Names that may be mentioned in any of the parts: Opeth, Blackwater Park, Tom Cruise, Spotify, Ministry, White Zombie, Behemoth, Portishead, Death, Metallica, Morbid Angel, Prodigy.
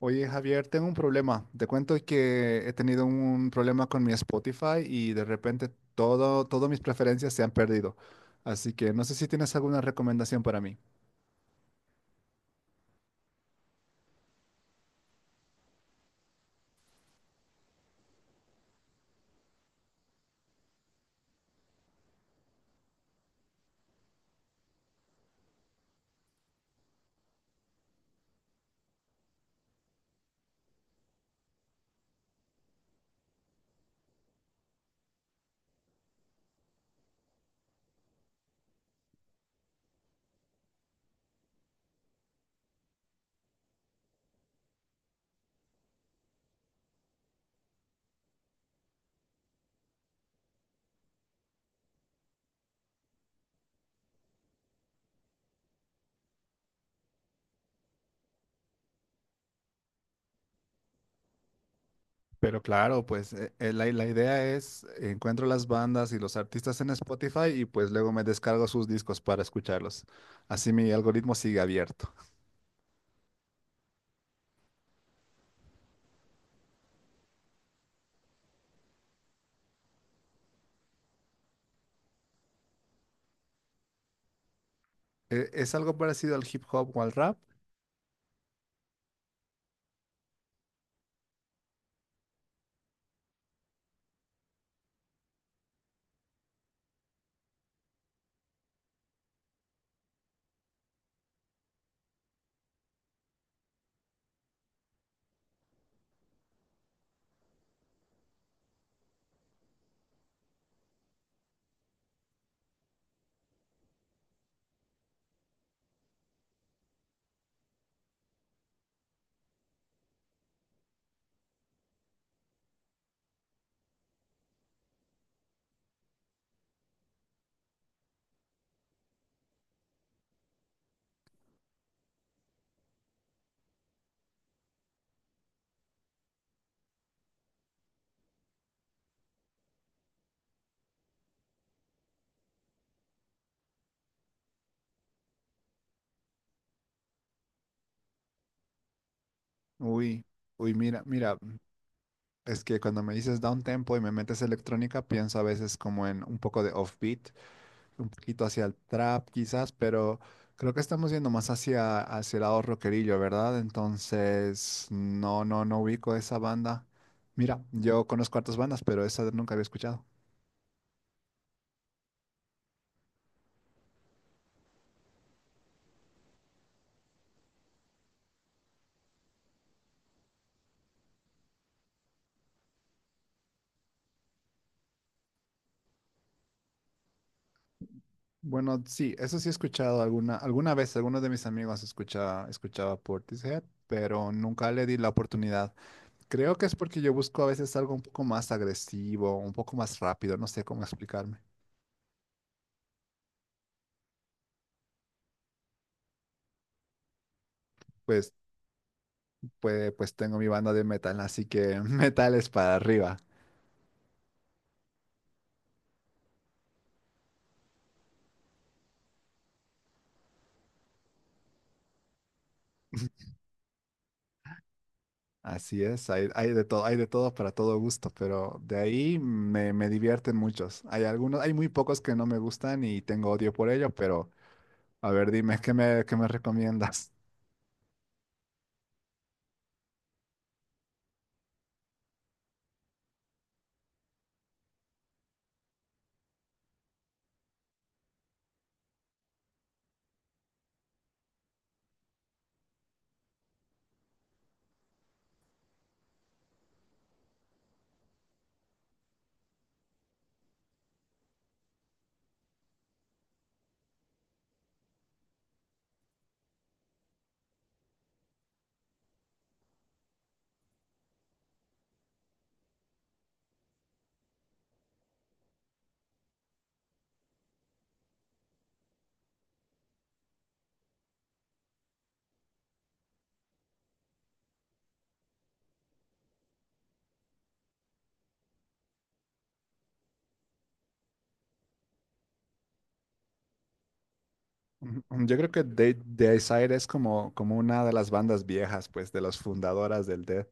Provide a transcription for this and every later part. Oye, Javier, tengo un problema. Te cuento que he tenido un problema con mi Spotify y de repente todas mis preferencias se han perdido. Así que no sé si tienes alguna recomendación para mí. Pero claro, pues la idea es encuentro las bandas y los artistas en Spotify y pues luego me descargo sus discos para escucharlos. Así mi algoritmo sigue abierto. ¿Es algo parecido al hip hop o al rap? Uy, uy, mira, mira. Es que cuando me dices down tempo y me metes electrónica, pienso a veces como en un poco de offbeat, un poquito hacia el trap quizás, pero creo que estamos yendo más hacia el lado rockerillo, ¿verdad? Entonces, no, no, no ubico esa banda. Mira, yo conozco hartas bandas, pero esa nunca había escuchado. Bueno, sí, eso sí he escuchado alguna vez, algunos de mis amigos escuchaba Portishead, pero nunca le di la oportunidad. Creo que es porque yo busco a veces algo un poco más agresivo, un poco más rápido, no sé cómo explicarme. Pues, pues tengo mi banda de metal, así que metal es para arriba. Así es, hay de todo para todo gusto, pero de ahí me divierten muchos. Hay algunos, hay muy pocos que no me gustan y tengo odio por ello, pero a ver, dime, qué me recomiendas? Yo creo que The Desire es como una de las bandas viejas, pues, de las fundadoras del Death.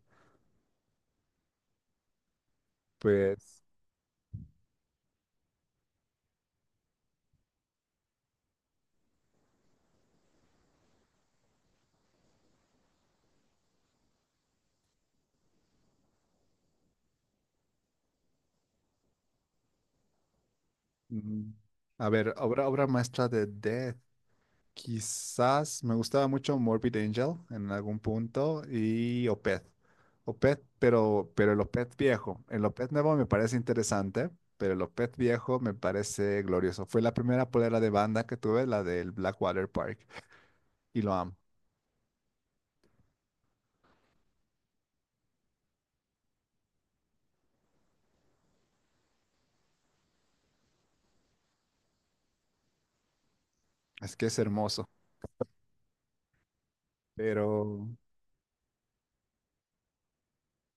Pues Mm, A ver, obra maestra de Death. Quizás me gustaba mucho Morbid Angel en algún punto y Opeth. Opeth, pero el Opeth viejo. El Opeth nuevo me parece interesante, pero el Opeth viejo me parece glorioso. Fue la primera polera de banda que tuve, la del Blackwater Park, y lo amo. Es que es hermoso. Pero,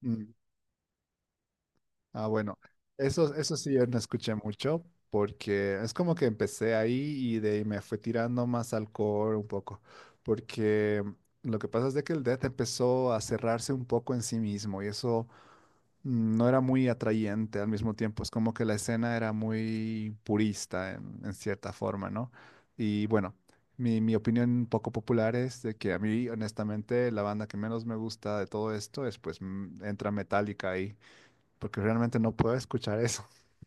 mm, Ah, bueno, eso sí yo no escuché mucho porque es como que empecé ahí y de ahí me fue tirando más al core un poco, porque lo que pasa es de que el death empezó a cerrarse un poco en sí mismo y eso no era muy atrayente al mismo tiempo, es como que la escena era muy purista en cierta forma, ¿no? Y bueno, mi opinión poco popular es de que a mí honestamente la banda que menos me gusta de todo esto es pues entra Metallica ahí porque realmente no puedo escuchar eso.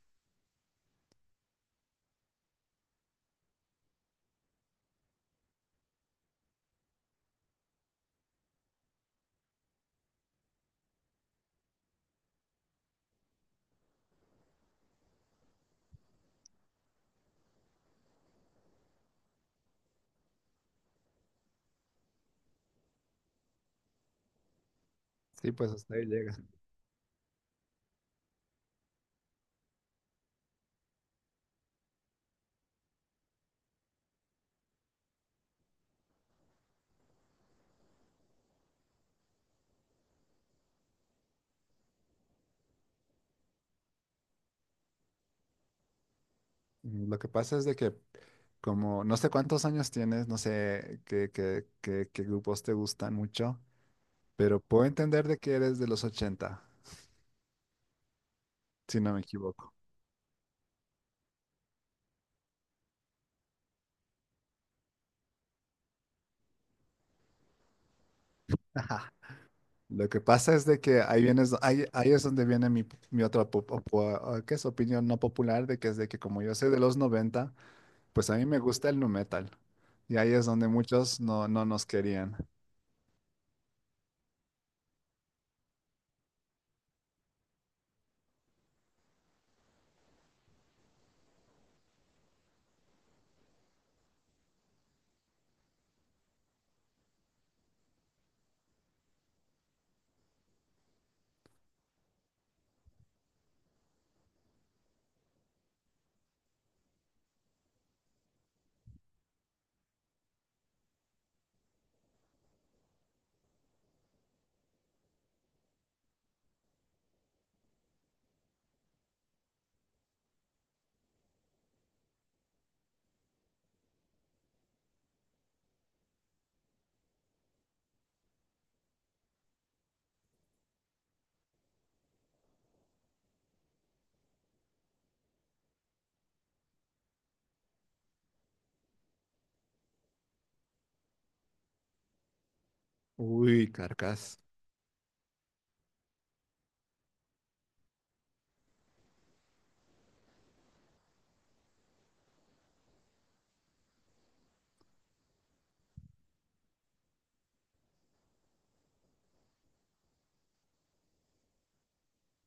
Sí, pues hasta ahí llega. Lo que pasa es de que como no sé cuántos años tienes, no sé qué grupos te gustan mucho, pero puedo entender de que eres de los 80 si no me equivoco. Ajá. Lo que pasa es de que ahí vienes, ahí es donde viene mi otra ¿qué es? Opinión no popular de que es de que como yo soy de los 90 pues a mí me gusta el nu metal. Y ahí es donde muchos no nos querían. Uy, carcas.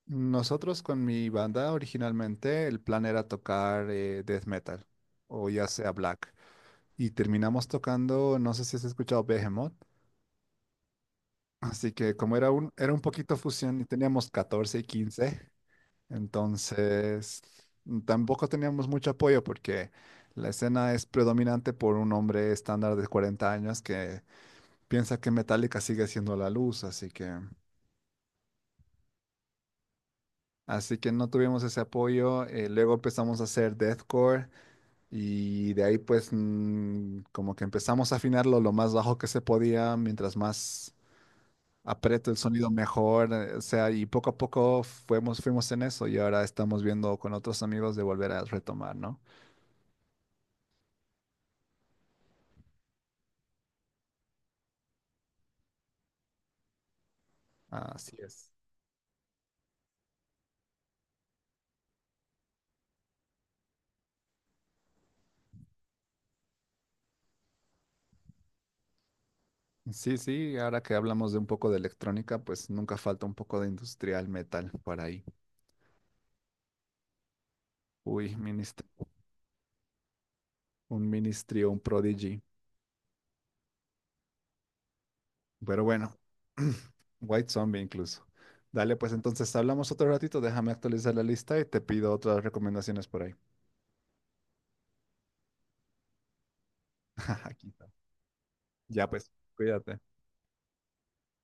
Nosotros con mi banda originalmente el plan era tocar death metal o ya sea black y terminamos tocando, no sé si has escuchado Behemoth, así que como era era un poquito fusión y teníamos 14 y 15 entonces tampoco teníamos mucho apoyo porque la escena es predominante por un hombre estándar de 40 años que piensa que Metallica sigue siendo la luz, así que, no tuvimos ese apoyo, luego empezamos a hacer deathcore. Y de ahí pues como que empezamos a afinarlo lo más bajo que se podía, mientras más aprieto el sonido mejor, o sea, y poco a poco fuimos en eso y ahora estamos viendo con otros amigos de volver a retomar, ¿no? Así es. Sí, sí, ahora que hablamos de un poco de electrónica, pues nunca falta un poco de industrial metal por ahí. Uy, ministro, un ministry o un prodigy. Pero bueno, White Zombie incluso. Dale, pues entonces hablamos otro ratito, déjame actualizar la lista y te pido otras recomendaciones por ahí. Aquí está. Ya pues, cuídate.